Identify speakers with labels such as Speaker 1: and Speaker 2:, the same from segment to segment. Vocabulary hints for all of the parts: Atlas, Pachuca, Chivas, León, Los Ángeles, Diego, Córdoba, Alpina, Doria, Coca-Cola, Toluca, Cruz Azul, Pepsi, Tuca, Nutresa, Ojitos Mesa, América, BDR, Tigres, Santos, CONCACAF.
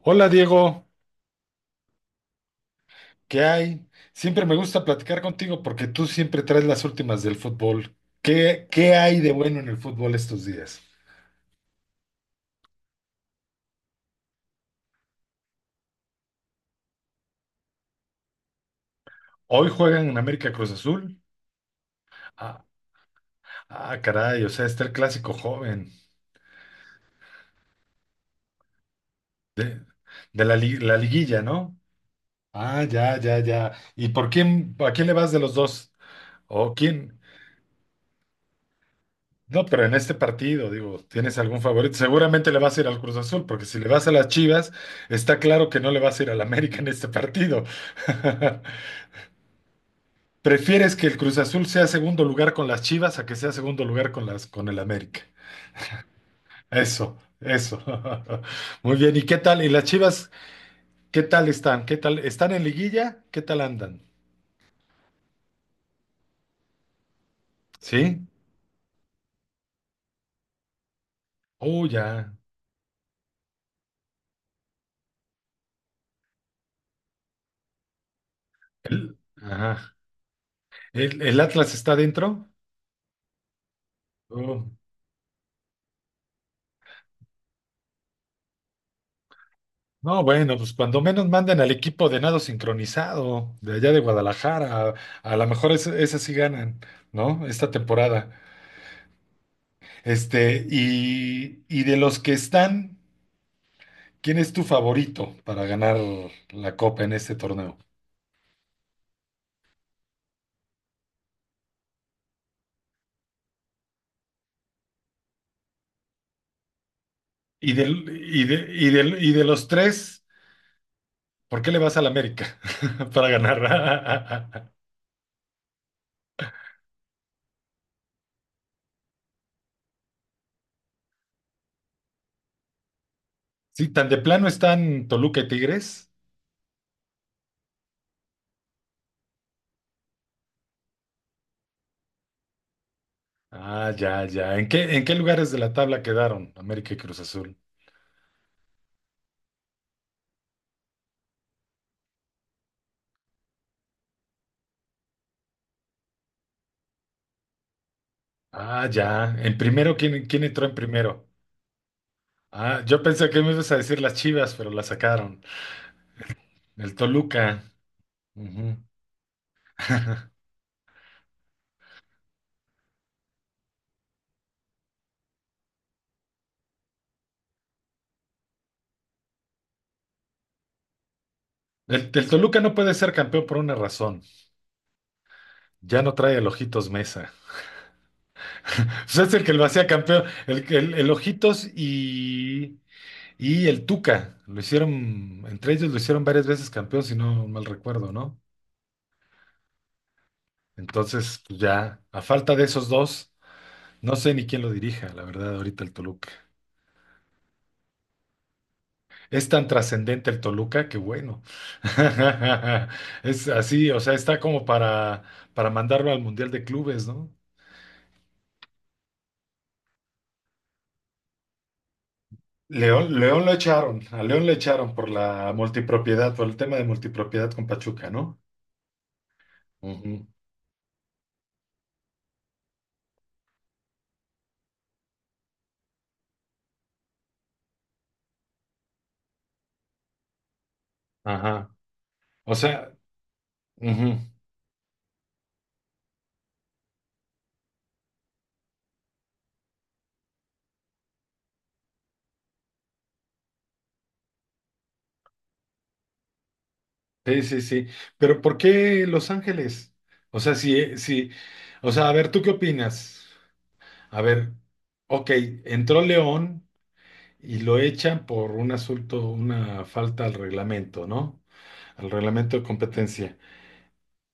Speaker 1: Hola Diego, ¿qué hay? Siempre me gusta platicar contigo porque tú siempre traes las últimas del fútbol. ¿Qué hay de bueno en el fútbol estos días? Hoy juegan en América Cruz Azul. Ah, ah, caray, o sea, está el clásico joven de, de la liguilla, ¿no? Ah, ya, ya, ya. ¿Y por quién, a quién le vas de los dos? ¿O quién? No, pero en este partido, digo, ¿tienes algún favorito? Seguramente le vas a ir al Cruz Azul, porque si le vas a las Chivas, está claro que no le vas a ir al América en este partido. ¿Prefieres que el Cruz Azul sea segundo lugar con las Chivas a que sea segundo lugar con las con el América? Eso, eso. Muy bien, ¿y qué tal? ¿Y las Chivas qué tal están? ¿Qué tal? ¿Están en liguilla? ¿Qué tal andan? ¿Sí? Oh, ya. El, ajá. El Atlas está dentro? Oh. No, bueno, pues cuando menos manden al equipo de nado sincronizado de allá de Guadalajara, a lo mejor esas sí ganan, ¿no? Esta temporada. Este, y de los que están, ¿quién es tu favorito para ganar la copa en este torneo? Y de los tres, ¿por qué le vas al América para ganar? Sí, tan de plano están Toluca y Tigres. Ah, ya, ya. En qué lugares de la tabla quedaron América y Cruz Azul? Ah, ya. En primero, ¿quién, quién entró en primero? Ah, yo pensé que me ibas a decir las Chivas, pero la sacaron. El Toluca. Ujú. El Toluca no puede ser campeón por una razón. Ya no trae el Ojitos Mesa. O sea, es el que lo hacía campeón. El Ojitos y el Tuca. Lo hicieron, entre ellos lo hicieron varias veces campeón, si no mal recuerdo, ¿no? Entonces, pues ya, a falta de esos dos, no sé ni quién lo dirija, la verdad, ahorita el Toluca. Es tan trascendente el Toluca que bueno. Es así, o sea, está como para mandarlo al Mundial de Clubes, ¿no? León, León lo echaron, a León lo echaron por la multipropiedad, por el tema de multipropiedad con Pachuca, ¿no? Ujú, ajá. O sea, ujú, sí, sí, sí. Pero ¿por qué Los Ángeles? O sea, sí, sí. O sea, a ver, ¿tú qué opinas? A ver, ok, entró León. Y lo echan por un asunto, una falta al reglamento, ¿no? Al reglamento de competencia.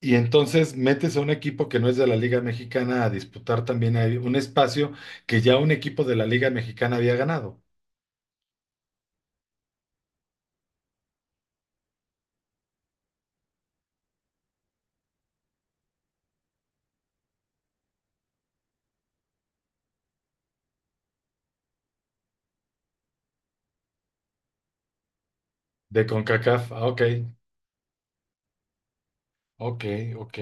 Speaker 1: Y entonces metes a un equipo que no es de la Liga Mexicana a disputar también ahí un espacio que ya un equipo de la Liga Mexicana había ganado, de CONCACAF. Ah, ok, ok, ok.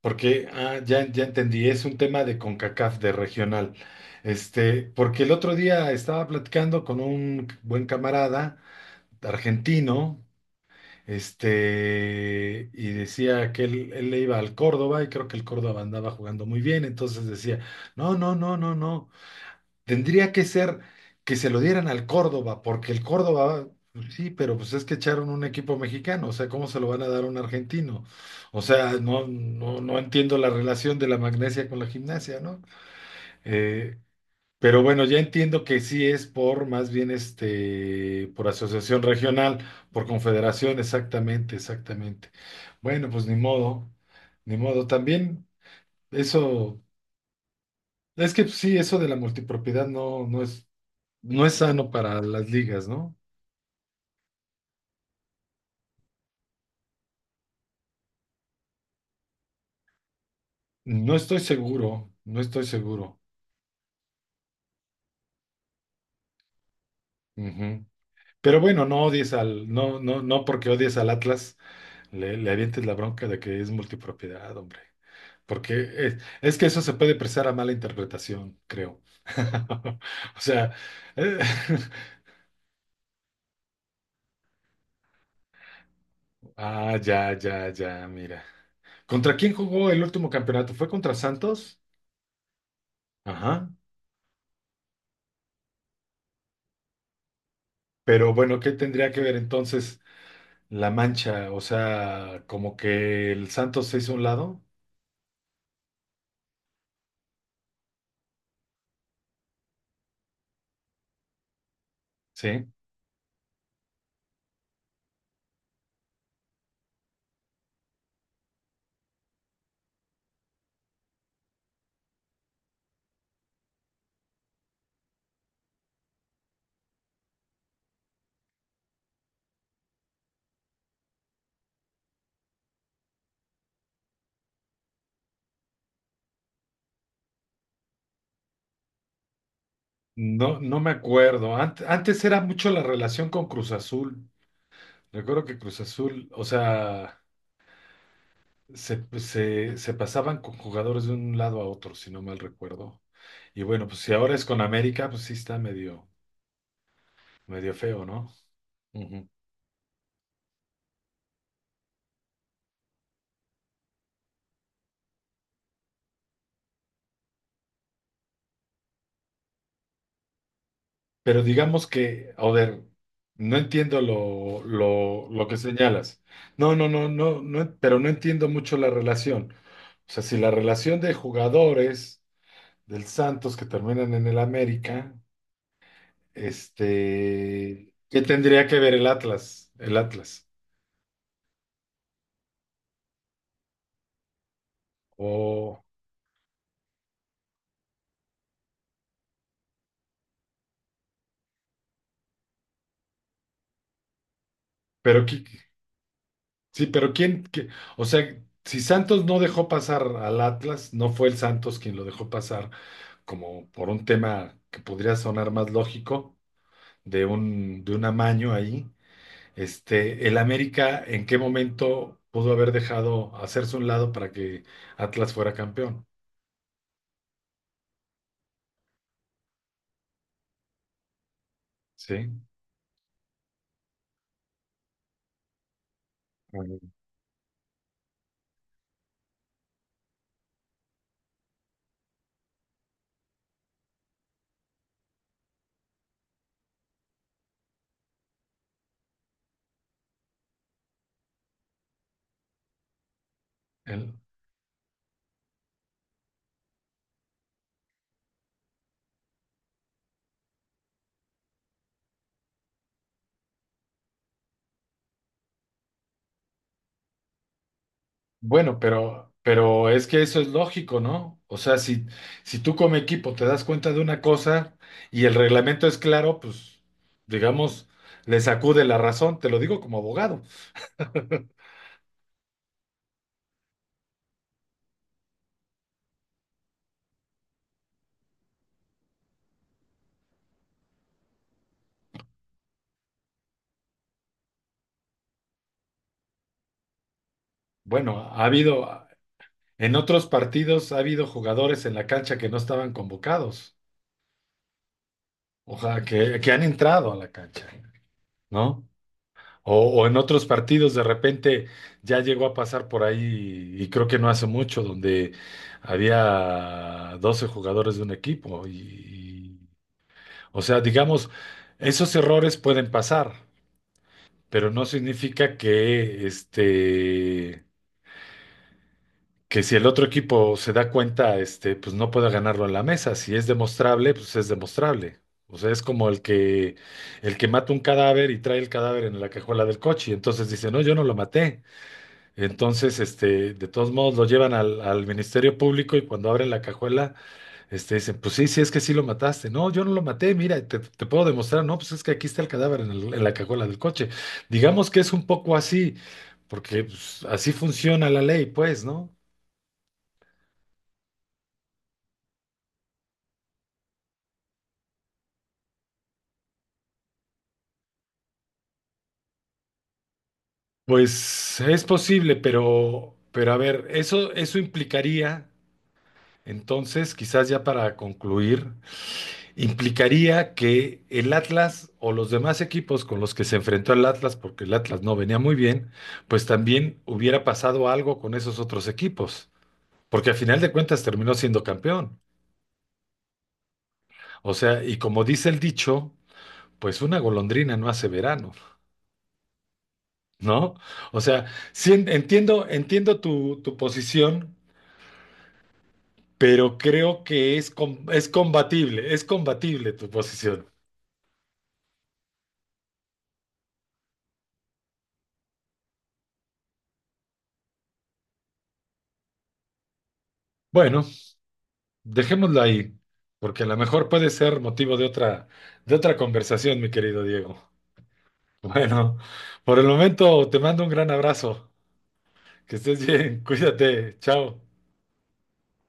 Speaker 1: Porque ah, ya, ya entendí, es un tema de CONCACAF, de regional. Este, porque el otro día estaba platicando con un buen camarada argentino. Este, y decía que él le iba al Córdoba y creo que el Córdoba andaba jugando muy bien, entonces decía, no, tendría que ser que se lo dieran al Córdoba, porque el Córdoba, sí, pero pues es que echaron un equipo mexicano, o sea, ¿cómo se lo van a dar a un argentino? O sea, no, no entiendo la relación de la magnesia con la gimnasia, ¿no? Eh, pero bueno, ya entiendo que sí es por más bien este, por asociación regional, por confederación, exactamente, exactamente. Bueno, pues ni modo, ni modo. También eso, es que sí, eso de la multipropiedad no es, no es sano para las ligas, ¿no? No estoy seguro, no estoy seguro. Ujú. Pero bueno, no odies al, no porque odies al Atlas, le avientes la bronca de que es multipropiedad, hombre. Porque es, que eso se puede prestar a mala interpretación, creo. O sea, eh, ah, ya, ya, ya, mira. ¿Contra quién jugó el último campeonato? ¿Fue contra Santos? Ajá. Pero bueno, ¿qué tendría que ver entonces la mancha? O sea, como que el Santos se hizo a un lado, ¿sí? No, no me acuerdo. Antes era mucho la relación con Cruz Azul. Recuerdo que Cruz Azul, o sea... Se pasaban con jugadores de un lado a otro, si no mal recuerdo. Y bueno, pues si ahora es con América, pues sí está medio, medio feo, ¿no? Ujú. Pero digamos que, a ver, no entiendo lo que señalas. No, pero no entiendo mucho la relación. O sea, si la relación de jugadores del Santos que terminan en el América, este, ¿qué tendría que ver el Atlas? El Atlas. O, pero ¿qué? Sí, pero ¿quién? Qué- o sea, si Santos no dejó pasar al Atlas, no fue el Santos quien lo dejó pasar como por un tema que podría sonar más lógico, de un amaño ahí. Este, el América, ¿en qué momento pudo haber dejado hacerse un lado para que Atlas fuera campeón? Sí. Ajá. El- Bueno, pero es que eso es lógico, ¿no? O sea, si, si tú como equipo te das cuenta de una cosa y el reglamento es claro, pues, digamos, le sacude la razón, te lo digo como abogado. Bueno, ha habido, en otros partidos ha habido jugadores en la cancha que no estaban convocados, o sea, que han entrado a la cancha, ¿no? O en otros partidos de repente ya llegó a pasar por ahí y creo que no hace mucho donde había 12 jugadores de un equipo o sea, digamos, esos errores pueden pasar, pero no significa que este que si el otro equipo se da cuenta, este, pues no pueda ganarlo en la mesa, si es demostrable, pues es demostrable. O sea, es como el que mata un cadáver y trae el cadáver en la cajuela del coche, y entonces dice, "No, yo no lo maté." Entonces, este, de todos modos lo llevan al, al Ministerio Público y cuando abren la cajuela, este, dicen, pues sí, sí, es que sí lo mataste. No, yo no lo maté, mira, te puedo demostrar. No, pues es que aquí está el cadáver en, el- en la cajuela del coche. Digamos que es un poco así, porque pues, así funciona la ley, pues, ¿no? Pues es posible, pero a ver, eso implicaría, entonces, quizás ya para concluir. Implicaría que el Atlas o los demás equipos con los que se enfrentó el Atlas, porque el Atlas no venía muy bien, pues también hubiera pasado algo con esos otros equipos, porque al final de cuentas terminó siendo campeón. O sea, y como dice el dicho, pues una golondrina no hace verano, ¿no? O sea, sí entiendo tu, tu posición, pero creo que es, es combatible tu posición. Bueno, dejémoslo ahí, porque a lo mejor puede ser motivo de otra conversación, mi querido Diego. Bueno, por el momento te mando un gran abrazo. Que estés bien, cuídate, chao.